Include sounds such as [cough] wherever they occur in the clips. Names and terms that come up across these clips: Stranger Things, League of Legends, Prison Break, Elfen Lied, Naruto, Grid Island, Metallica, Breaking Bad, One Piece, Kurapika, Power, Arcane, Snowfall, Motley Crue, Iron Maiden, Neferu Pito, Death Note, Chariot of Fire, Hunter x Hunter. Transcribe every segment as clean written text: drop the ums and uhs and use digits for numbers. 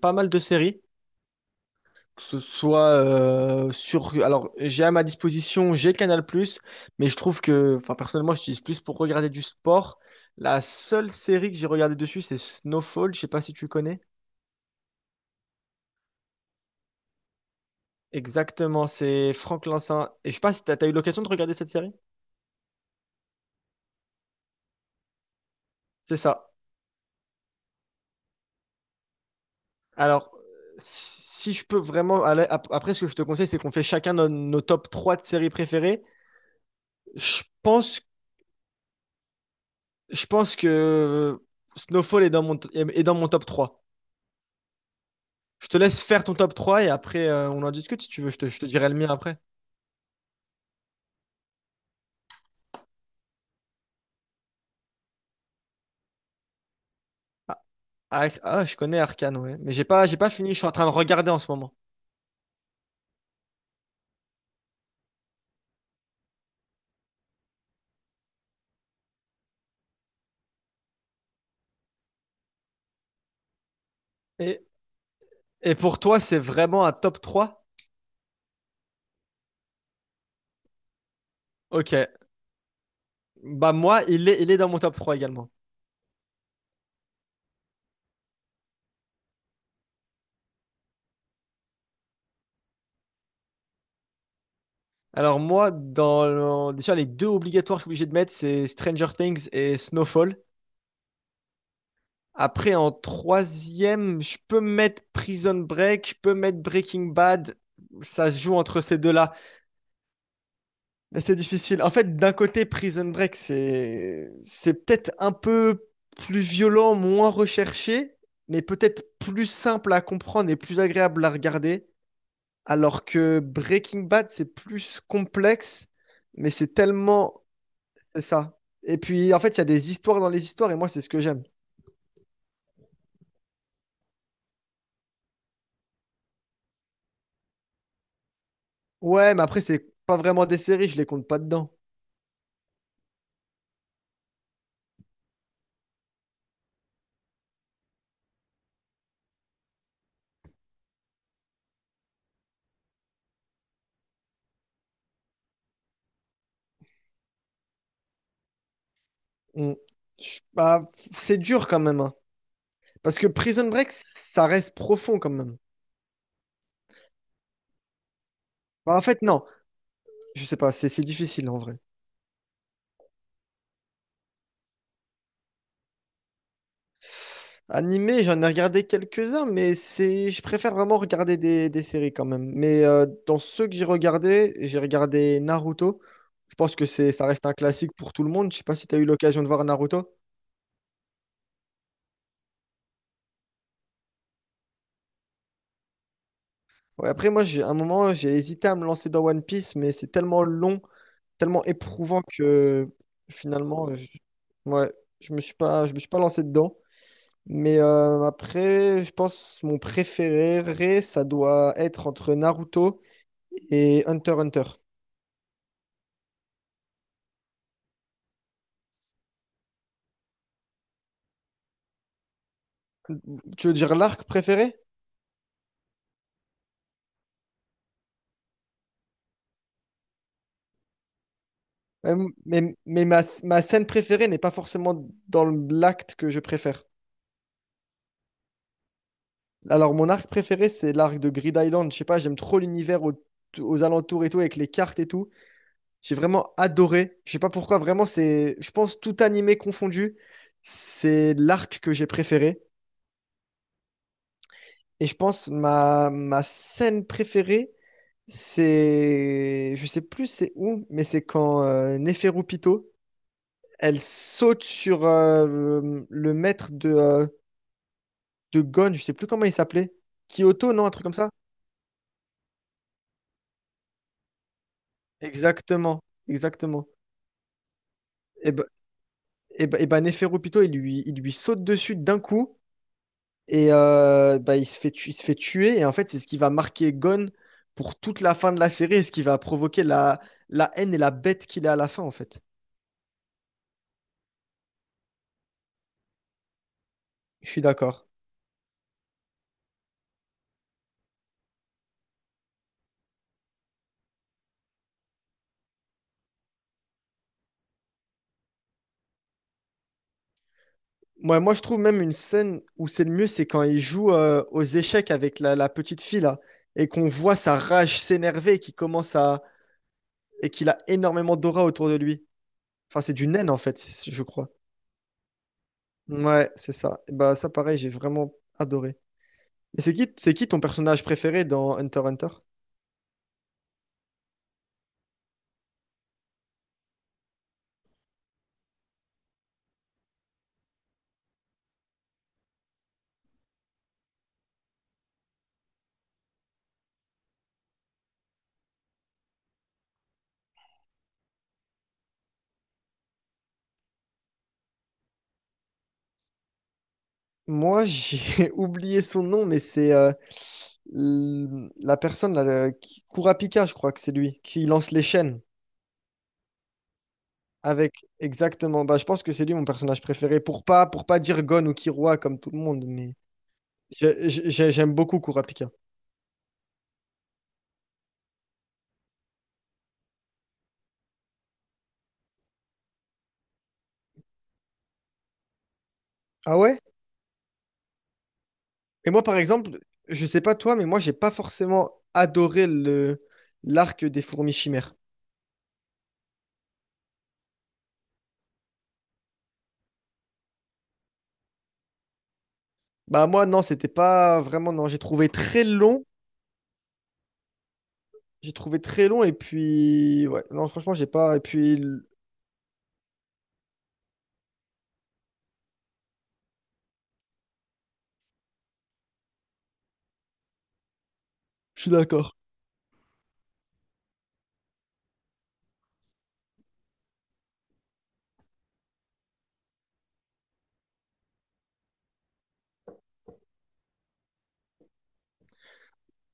Pas mal de séries, que ce soit sur... Alors, j'ai à ma disposition, j'ai Canal+, mais je trouve que, enfin, personnellement, j'utilise plus pour regarder du sport. La seule série que j'ai regardée dessus, c'est Snowfall, je sais pas si tu connais. Exactement, c'est Franck Lincin. Et je sais pas si t'as eu l'occasion de regarder cette série? C'est ça. Alors, si je peux vraiment aller... Après, ce que je te conseille, c'est qu'on fait chacun nos top 3 de séries préférées. Je pense, je pense que Snowfall est dans est dans mon top 3. Je te laisse faire ton top 3 et après on en discute si tu veux. Je te dirai le mien après. Ah, ah, je connais Arcane, ouais. Mais j'ai pas fini, je suis en train de regarder en ce moment. Et, et pour toi, c'est vraiment un top trois. Ok. Bah moi, il est dans mon top 3 également. Alors moi, dans déjà les deux obligatoires que je suis obligé de mettre, c'est Stranger Things et Snowfall. Après, en troisième, je peux mettre Prison Break, je peux mettre Breaking Bad. Ça se joue entre ces deux-là. C'est difficile. En fait, d'un côté, Prison Break, c'est peut-être un peu plus violent, moins recherché, mais peut-être plus simple à comprendre et plus agréable à regarder. Alors que Breaking Bad, c'est plus complexe, mais c'est tellement... C'est ça. Et puis, en fait, il y a des histoires dans les histoires, et moi, c'est ce que j'aime. Ouais, mais après, c'est pas vraiment des séries, je les compte pas dedans. Mm. Bah, c'est dur quand même, hein. Parce que Prison Break, ça reste profond quand même. Bah, en fait, non. Je sais pas, c'est difficile en vrai. Animé, j'en ai regardé quelques-uns, mais c'est, je préfère vraiment regarder des séries quand même. Mais dans ceux que j'ai regardés, j'ai regardé Naruto. Je pense que c'est, ça reste un classique pour tout le monde. Je sais pas si tu as eu l'occasion de voir Naruto. Ouais, après, moi, j'ai, à un moment, j'ai hésité à me lancer dans One Piece, mais c'est tellement long, tellement éprouvant que finalement, je, ouais, je me suis pas, je me suis pas lancé dedans. Mais après, je pense mon préféré, ça doit être entre Naruto et Hunter x Hunter. Tu veux dire l'arc préféré? Mais ma scène préférée n'est pas forcément dans l'acte que je préfère. Alors, mon arc préféré, c'est l'arc de Grid Island. Je sais pas, j'aime trop l'univers aux alentours et tout, avec les cartes et tout. J'ai vraiment adoré. Je sais pas pourquoi, vraiment, c'est, je pense, tout animé confondu, c'est l'arc que j'ai préféré. Et je pense ma scène préférée, c'est, je sais plus c'est où, mais c'est quand Neferu Pito elle saute sur le maître de Gon, je sais plus comment il s'appelait. Kyoto, non, un truc comme ça? Exactement, exactement. Et ben, et ben Neferupito, il lui saute dessus d'un coup et bah, il se fait tuer. Et en fait, c'est ce qui va marquer Gon pour toute la fin de la série et ce qui va provoquer la haine et la bête qu'il a à la fin, en fait. Je suis d'accord. Moi, je trouve même une scène où c'est le mieux, c'est quand il joue aux échecs avec la petite fille là, et qu'on voit sa rage s'énerver, qui commence à et qu'il a énormément d'aura autour de lui. Enfin, c'est du naine en fait, je crois. Ouais, c'est ça. Et bah ça, pareil, j'ai vraiment adoré. Et c'est qui ton personnage préféré dans Hunter x Hunter? Moi, j'ai [laughs] oublié son nom, mais c'est la personne Kurapika, je crois que c'est lui, qui lance les chaînes. Avec exactement, bah, je pense que c'est lui mon personnage préféré pour pas dire Gon ou Killua comme tout le monde, mais j'aime beaucoup Kurapika. Ah ouais? Et moi par exemple, je sais pas toi, mais moi j'ai pas forcément adoré le l'arc des fourmis chimères. Bah moi non, c'était pas vraiment non, j'ai trouvé très long, j'ai trouvé très long et puis ouais, non franchement j'ai pas et puis l- je suis d'accord.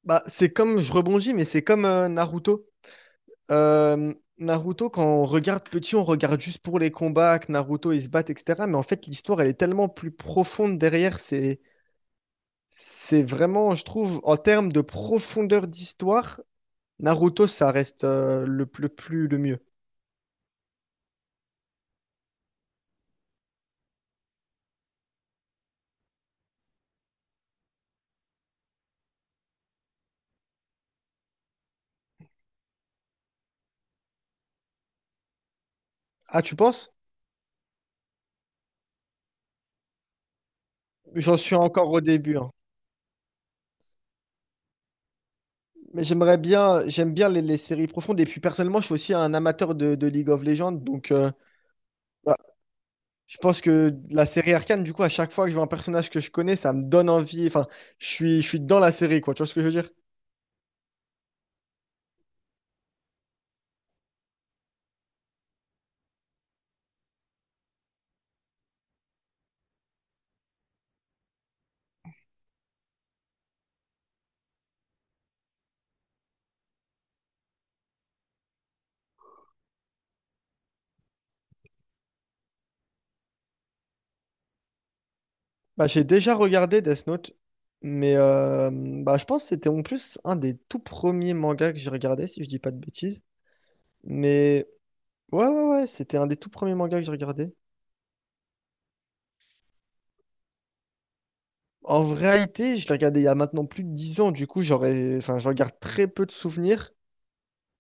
Bah c'est comme je rebondis, mais c'est comme Naruto. Euh, Naruto, quand on regarde petit, on regarde juste pour les combats, que Naruto ils se battent, etc. Mais en fait, l'histoire, elle est tellement plus profonde derrière. C'est vraiment, je trouve, en termes de profondeur d'histoire, Naruto, ça reste le plus, le mieux. Ah, tu penses? J'en suis encore au début, hein. Mais j'aime bien les séries profondes. Et puis personnellement, je suis aussi un amateur de League of Legends. Donc, bah, je pense que la série Arcane, du coup, à chaque fois que je vois un personnage que je connais, ça me donne envie. Enfin, je suis dans la série, quoi. Tu vois ce que je veux dire? Bah, j'ai déjà regardé Death Note, mais bah, je pense que c'était en plus un des tout premiers mangas que j'ai regardé, si je dis pas de bêtises. Mais ouais, c'était un des tout premiers mangas que j'ai regardé. En réalité, je l'ai regardé il y a maintenant plus de 10 ans, du coup, j'aurais, enfin, je regarde très peu de souvenirs.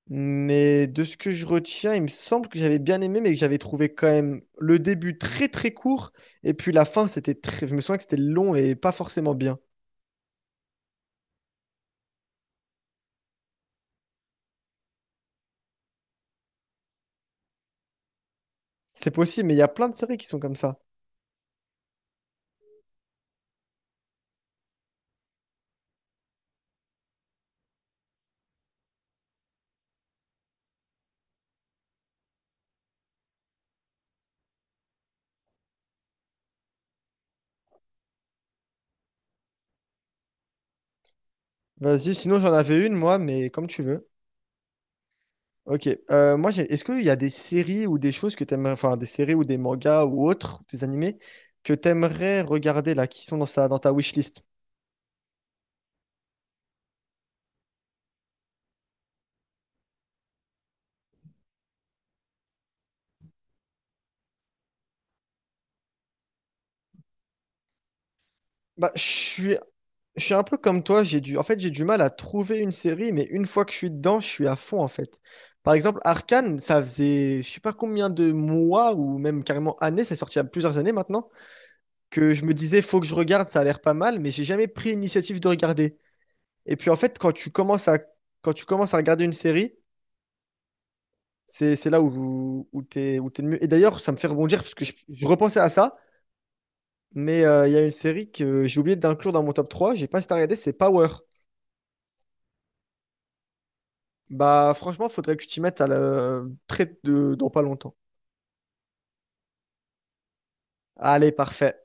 Mais de ce que je retiens, il me semble que j'avais bien aimé, mais que j'avais trouvé quand même le début très très court, et puis la fin, c'était très... je me souviens que c'était long et pas forcément bien. C'est possible, mais il y a plein de séries qui sont comme ça. Vas-y, sinon j'en avais une, moi, mais comme tu veux. Ok, moi, est-ce qu'il y a des séries ou des choses que t'aimerais, enfin des séries ou des mangas ou autres, des animés, que t'aimerais regarder là, qui sont dans ta wishlist? Bah, je suis Je suis un peu comme toi, j'ai du... en fait, j'ai du mal à trouver une série, mais une fois que je suis dedans, je suis à fond, en fait. Par exemple, Arcane, ça faisait je sais pas combien de mois ou même carrément années, c'est sorti il y a plusieurs années maintenant, que je me disais, faut que je regarde, ça a l'air pas mal, mais j'ai jamais pris l'initiative de regarder. Et puis, en fait, quand tu commences à regarder une série, c'est là où t'es le mieux. Et d'ailleurs, ça me fait rebondir, parce que je repensais à ça, mais il y a une série que j'ai oublié d'inclure dans mon top 3, j'ai pas si t'as regardé, c'est Power. Bah, franchement, faudrait que tu t'y mettes à la... très de... dans pas longtemps. Allez, parfait.